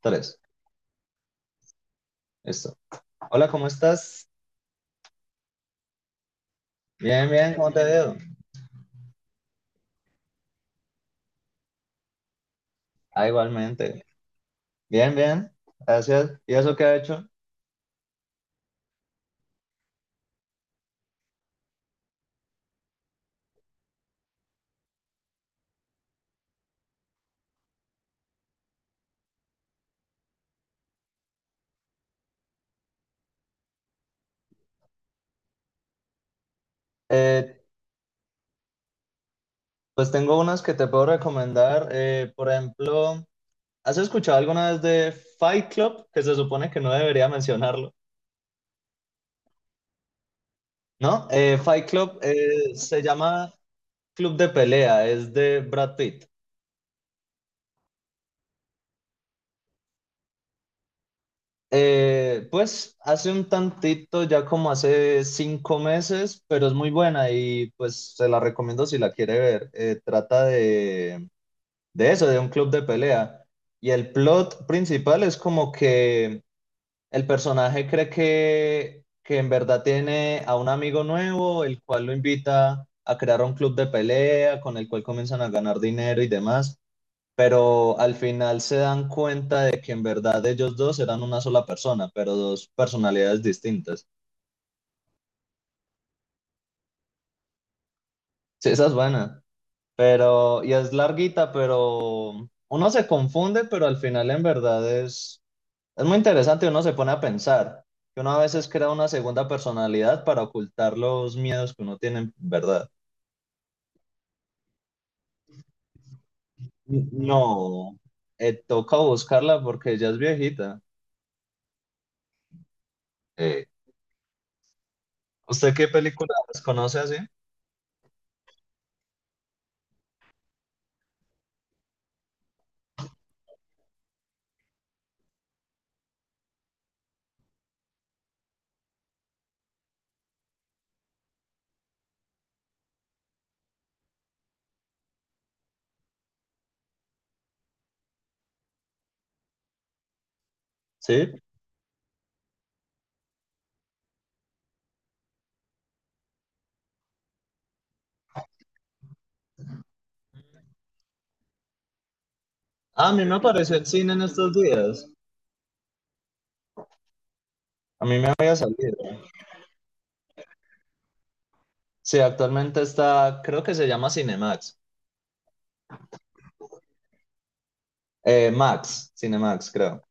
Tres. Listo. Hola, ¿cómo estás? Bien, bien, ¿cómo te veo? Ah, igualmente. Bien, bien. Gracias. ¿Y eso qué ha hecho? Eh, pues tengo unas que te puedo recomendar. Por ejemplo, ¿has escuchado alguna vez de Fight Club? Que se supone que no debería mencionarlo. ¿No? Fight Club se llama Club de Pelea. Es de Brad Pitt. Pues hace un tantito, ya como hace 5 meses, pero es muy buena y pues se la recomiendo si la quiere ver. Trata de eso, de un club de pelea. Y el plot principal es como que el personaje cree que en verdad tiene a un amigo nuevo, el cual lo invita a crear un club de pelea con el cual comienzan a ganar dinero y demás, pero al final se dan cuenta de que en verdad ellos dos eran una sola persona, pero dos personalidades distintas. Sí, esa es buena, pero, y es larguita, pero uno se confunde, pero al final en verdad es muy interesante y uno se pone a pensar que uno a veces crea una segunda personalidad para ocultar los miedos que uno tiene en verdad. No, toca buscarla porque ella es viejita. Eh, ¿Usted qué película conoce así? Sí. Ah, a mí me apareció en cine en estos días. A mí me había salido. Sí, actualmente está, creo que se llama Cinemax. Max, Cinemax, creo.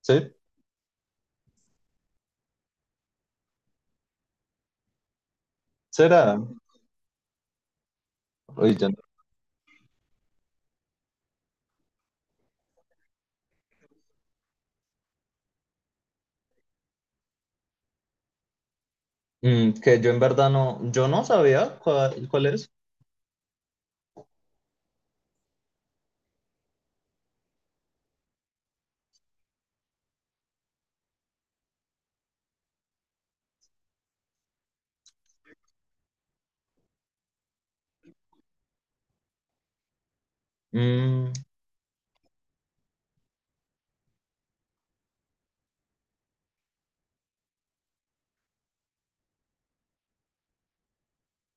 ¿Sí? ¿Será? Uy, yo no- Mm, que yo en verdad no, yo no sabía cuál es. Mm,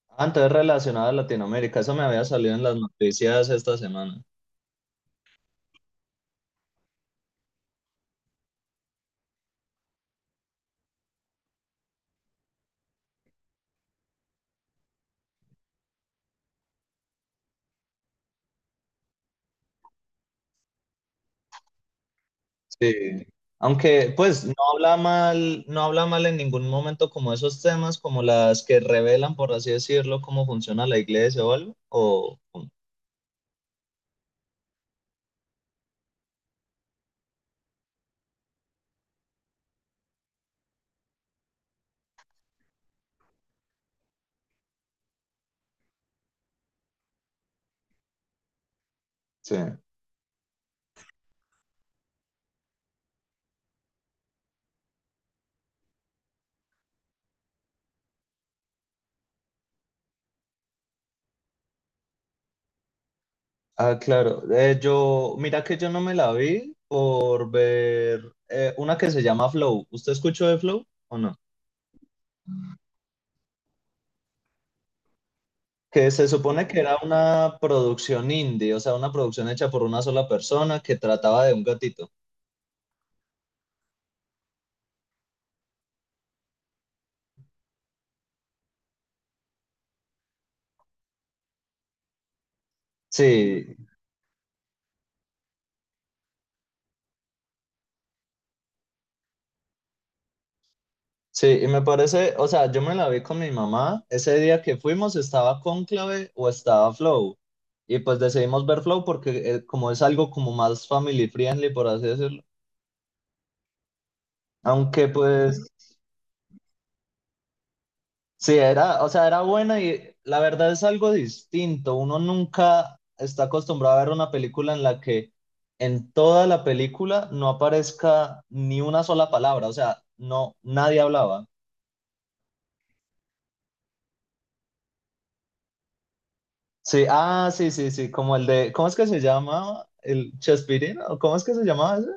ah, entonces relacionado a Latinoamérica, eso me había salido en las noticias esta semana. Sí. Aunque, pues, no habla mal, no habla mal en ningún momento como esos temas, como las que revelan, por así decirlo, cómo funciona la iglesia o algo. O... Sí. Ah, claro. Yo, mira que yo no me la vi por ver una que se llama Flow. ¿Usted escuchó de Flow o no? Que se supone que era una producción indie, o sea, una producción hecha por una sola persona que trataba de un gatito. Sí, sí, y me parece, o sea, yo me la vi con mi mamá. Ese día que fuimos estaba Cónclave o estaba Flow. Y pues decidimos ver Flow porque como es algo como más family friendly, por así decirlo. Aunque pues sí, era, o sea, era buena y la verdad es algo distinto. Uno nunca está acostumbrado a ver una película en la que en toda la película no aparezca ni una sola palabra, o sea, no, nadie hablaba. Sí, ah, sí, sí, sí, como el de, ¿cómo es que se llama? ¿El Chespirito? ¿O cómo es que se llamaba ese?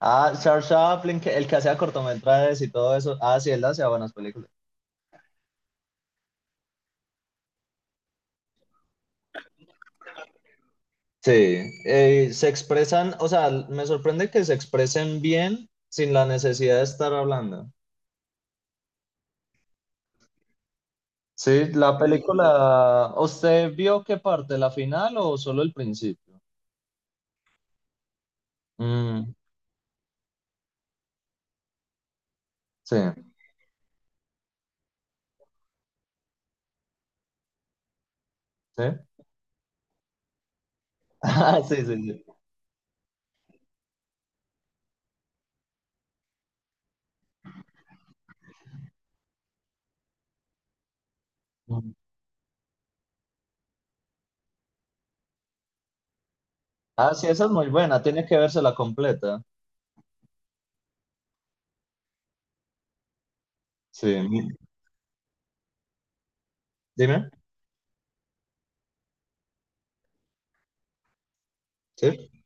Ah, Charles Chaplin, que- el que hacía cortometrajes y todo eso. Ah, sí, él hacía buenas películas. Sí, se expresan, o sea, me sorprende que se expresen bien sin la necesidad de estar hablando. Sí, la película, ¿usted vio qué parte, la final o solo el principio? Mm, sí. Sí. Ah, sí, sí, sí. Mm. Ah, sí, esa es muy buena, tiene que vérsela completa. Sí. Mi- dime, sí.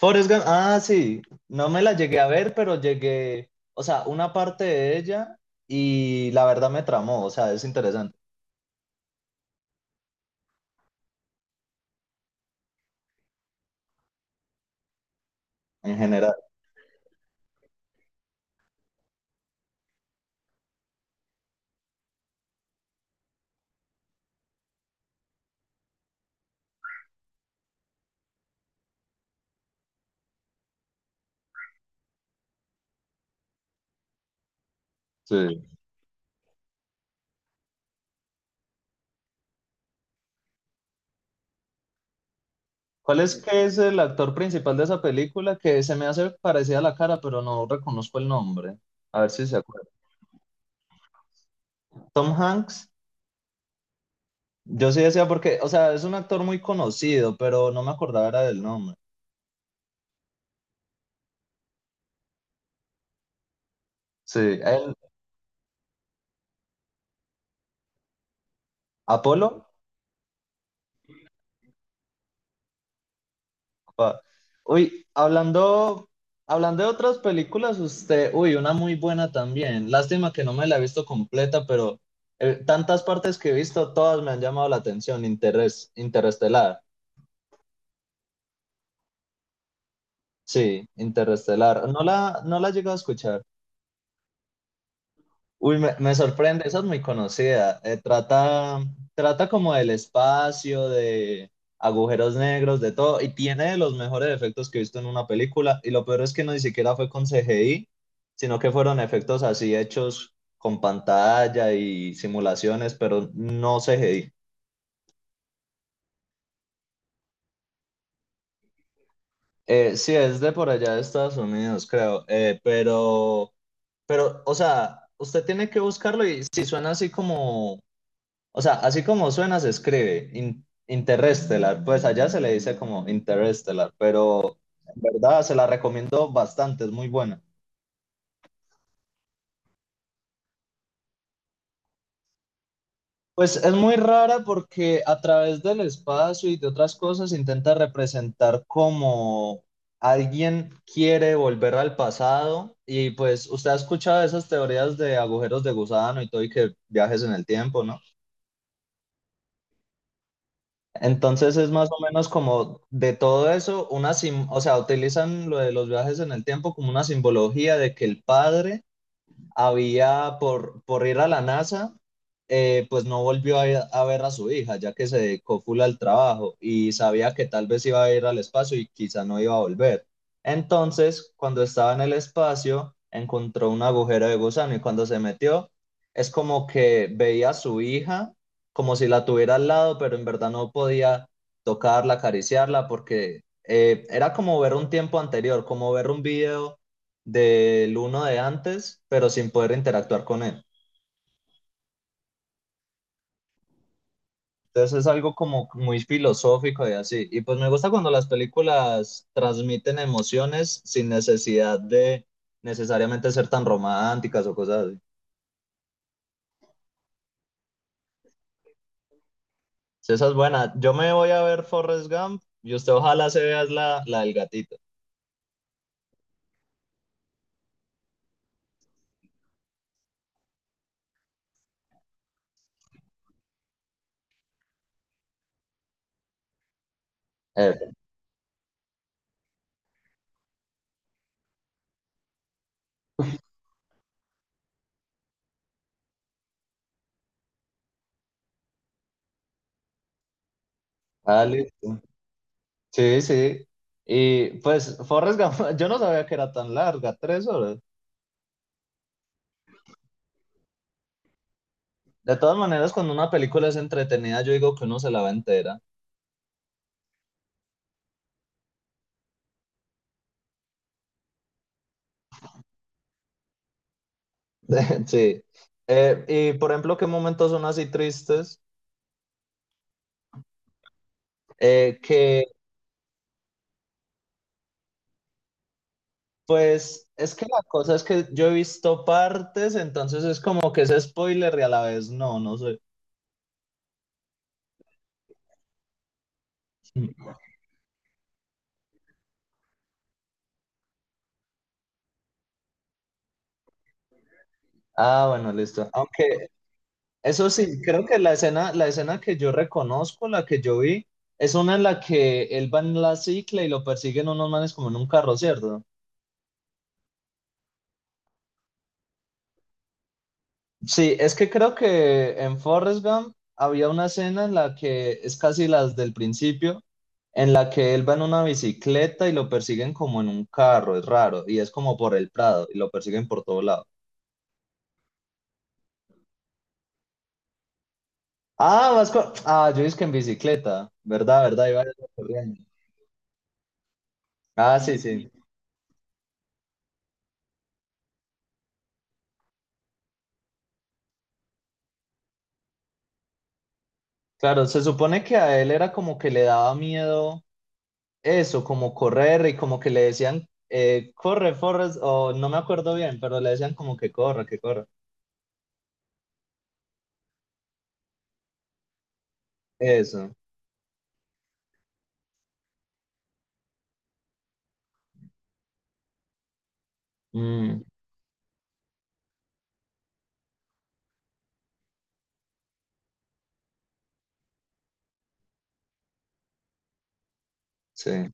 Forrest Gump, ah, sí, no me la llegué a ver, pero llegué, o sea, una parte de ella y la verdad me tramó, o sea, es interesante en general. Sí. ¿Cuál es que es el actor principal de esa película que se me hace parecida a la cara, pero no reconozco el nombre? A ver si se acuerda. Tom Hanks. Yo sí decía porque, o sea, es un actor muy conocido, pero no me acordaba era del nombre. Sí, él, Apolo. Pa- uy, hablando, hablando de otras películas, usted, uy, una muy buena también. Lástima que no me la he visto completa, pero tantas partes que he visto, todas me han llamado la atención. Interes, Interestelar. Sí, Interestelar. No la, no la he llegado a escuchar. Uy, me sorprende, esa es muy conocida. Trata, trata como del espacio, de agujeros negros, de todo, y tiene de los mejores efectos que he visto en una película. Y lo peor es que no ni siquiera fue con CGI, sino que fueron efectos así hechos con pantalla y simulaciones, pero no CGI. Sí, es de por allá de Estados Unidos, creo, pero... Pero, o sea, usted tiene que buscarlo y si suena así como, o sea, así como suena se escribe, in- Interstellar, pues allá se le dice como Interstellar, pero en verdad se la recomiendo bastante, es muy buena. Pues es muy rara porque a través del espacio y de otras cosas intenta representar cómo alguien quiere volver al pasado y pues usted ha escuchado esas teorías de agujeros de gusano y todo y que viajes en el tiempo, ¿no? Entonces es más o menos como de todo eso, una sim- o sea, utilizan lo de los viajes en el tiempo como una simbología de que el padre había por ir a la NASA, pues no volvió a ver a su hija, ya que se dedicó full al trabajo y sabía que tal vez iba a ir al espacio y quizá no iba a volver. Entonces, cuando estaba en el espacio, encontró un agujero de gusano y cuando se metió, es como que veía a su hija como si la tuviera al lado, pero en verdad no podía tocarla, acariciarla, porque era como ver un tiempo anterior, como ver un video del uno de antes, pero sin poder interactuar con él. Entonces es algo como muy filosófico y así. Y pues me gusta cuando las películas transmiten emociones sin necesidad de necesariamente ser tan románticas o cosas así. Sí, esa es buena. Yo me voy a ver Forrest Gump y usted ojalá se vea la, la del gatito. Eh, ah, listo. Sí, sí. Y pues Forrest Gump, yo no sabía que era tan larga, 3 horas. De todas maneras, cuando una película es entretenida, yo digo que uno se la va entera. Sí. Y por ejemplo, ¿qué momentos son así tristes? Que pues es que la cosa es que yo he visto partes, entonces es como que es spoiler y a la vez no, no sé. Ah, bueno, listo. Aunque eso sí, creo que la escena que yo reconozco, la que yo vi, es una en la que él va en la cicla y lo persiguen unos manes como en un carro, ¿cierto? Sí, es que creo que en Forrest Gump había una escena en la que es casi las del principio, en la que él va en una bicicleta y lo persiguen como en un carro, es raro, y es como por el Prado, y lo persiguen por todo lado. Ah, vas con... Ah, yo dije que en bicicleta, ¿verdad? ¿Verdad? Iba corriendo. Ah, sí, sí. Claro, se supone que a él era como que le daba miedo eso, como correr y como que le decían, corre, Forrest, o no me acuerdo bien, pero le decían como que corra, que corra. Eso. Mm, sí.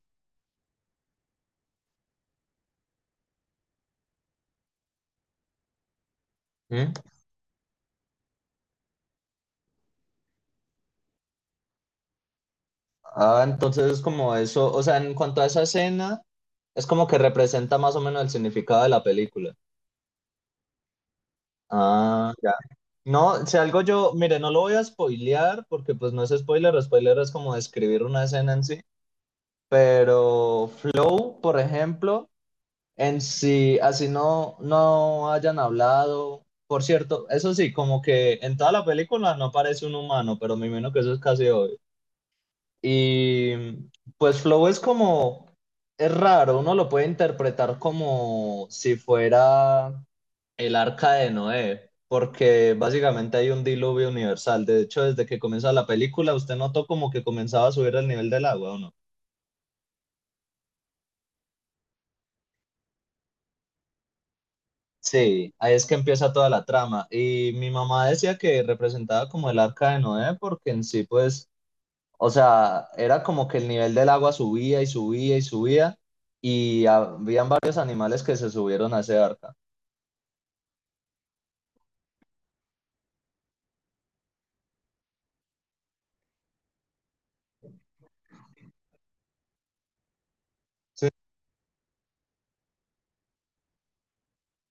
Mm. Ah, entonces es como eso, o sea, en cuanto a esa escena, es como que representa más o menos el significado de la película. Ah, ya. No, si algo yo, mire, no lo voy a spoilear porque pues no es spoiler, spoiler es como describir una escena en sí, pero Flow, por ejemplo, en sí, así no, no hayan hablado, por cierto, eso sí, como que en toda la película no aparece un humano, pero me imagino que eso es casi obvio. Y pues flow es como, es raro, uno lo puede interpretar como si fuera el arca de Noé, porque básicamente hay un diluvio universal. De hecho, desde que comienza la película, usted notó como que comenzaba a subir el nivel del agua, ¿o no? Sí, ahí es que empieza toda la trama. Y mi mamá decía que representaba como el arca de Noé, porque en sí, pues o sea, era como que el nivel del agua subía y subía y subía y habían varios animales que se subieron a ese arca. Sí.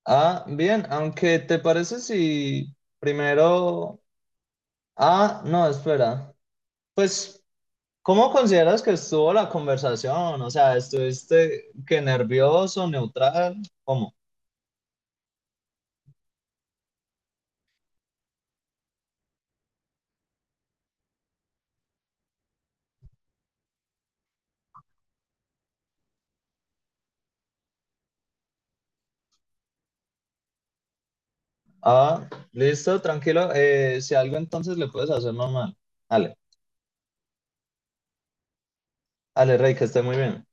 Ah, bien, aunque te parece si primero... Ah, no, espera. Pues, ¿cómo consideras que estuvo la conversación? O sea, ¿estuviste que nervioso, neutral? ¿Cómo? Ah, listo, tranquilo. Si algo entonces le puedes hacer normal. Dale, dale, Rey, que esté muy bien.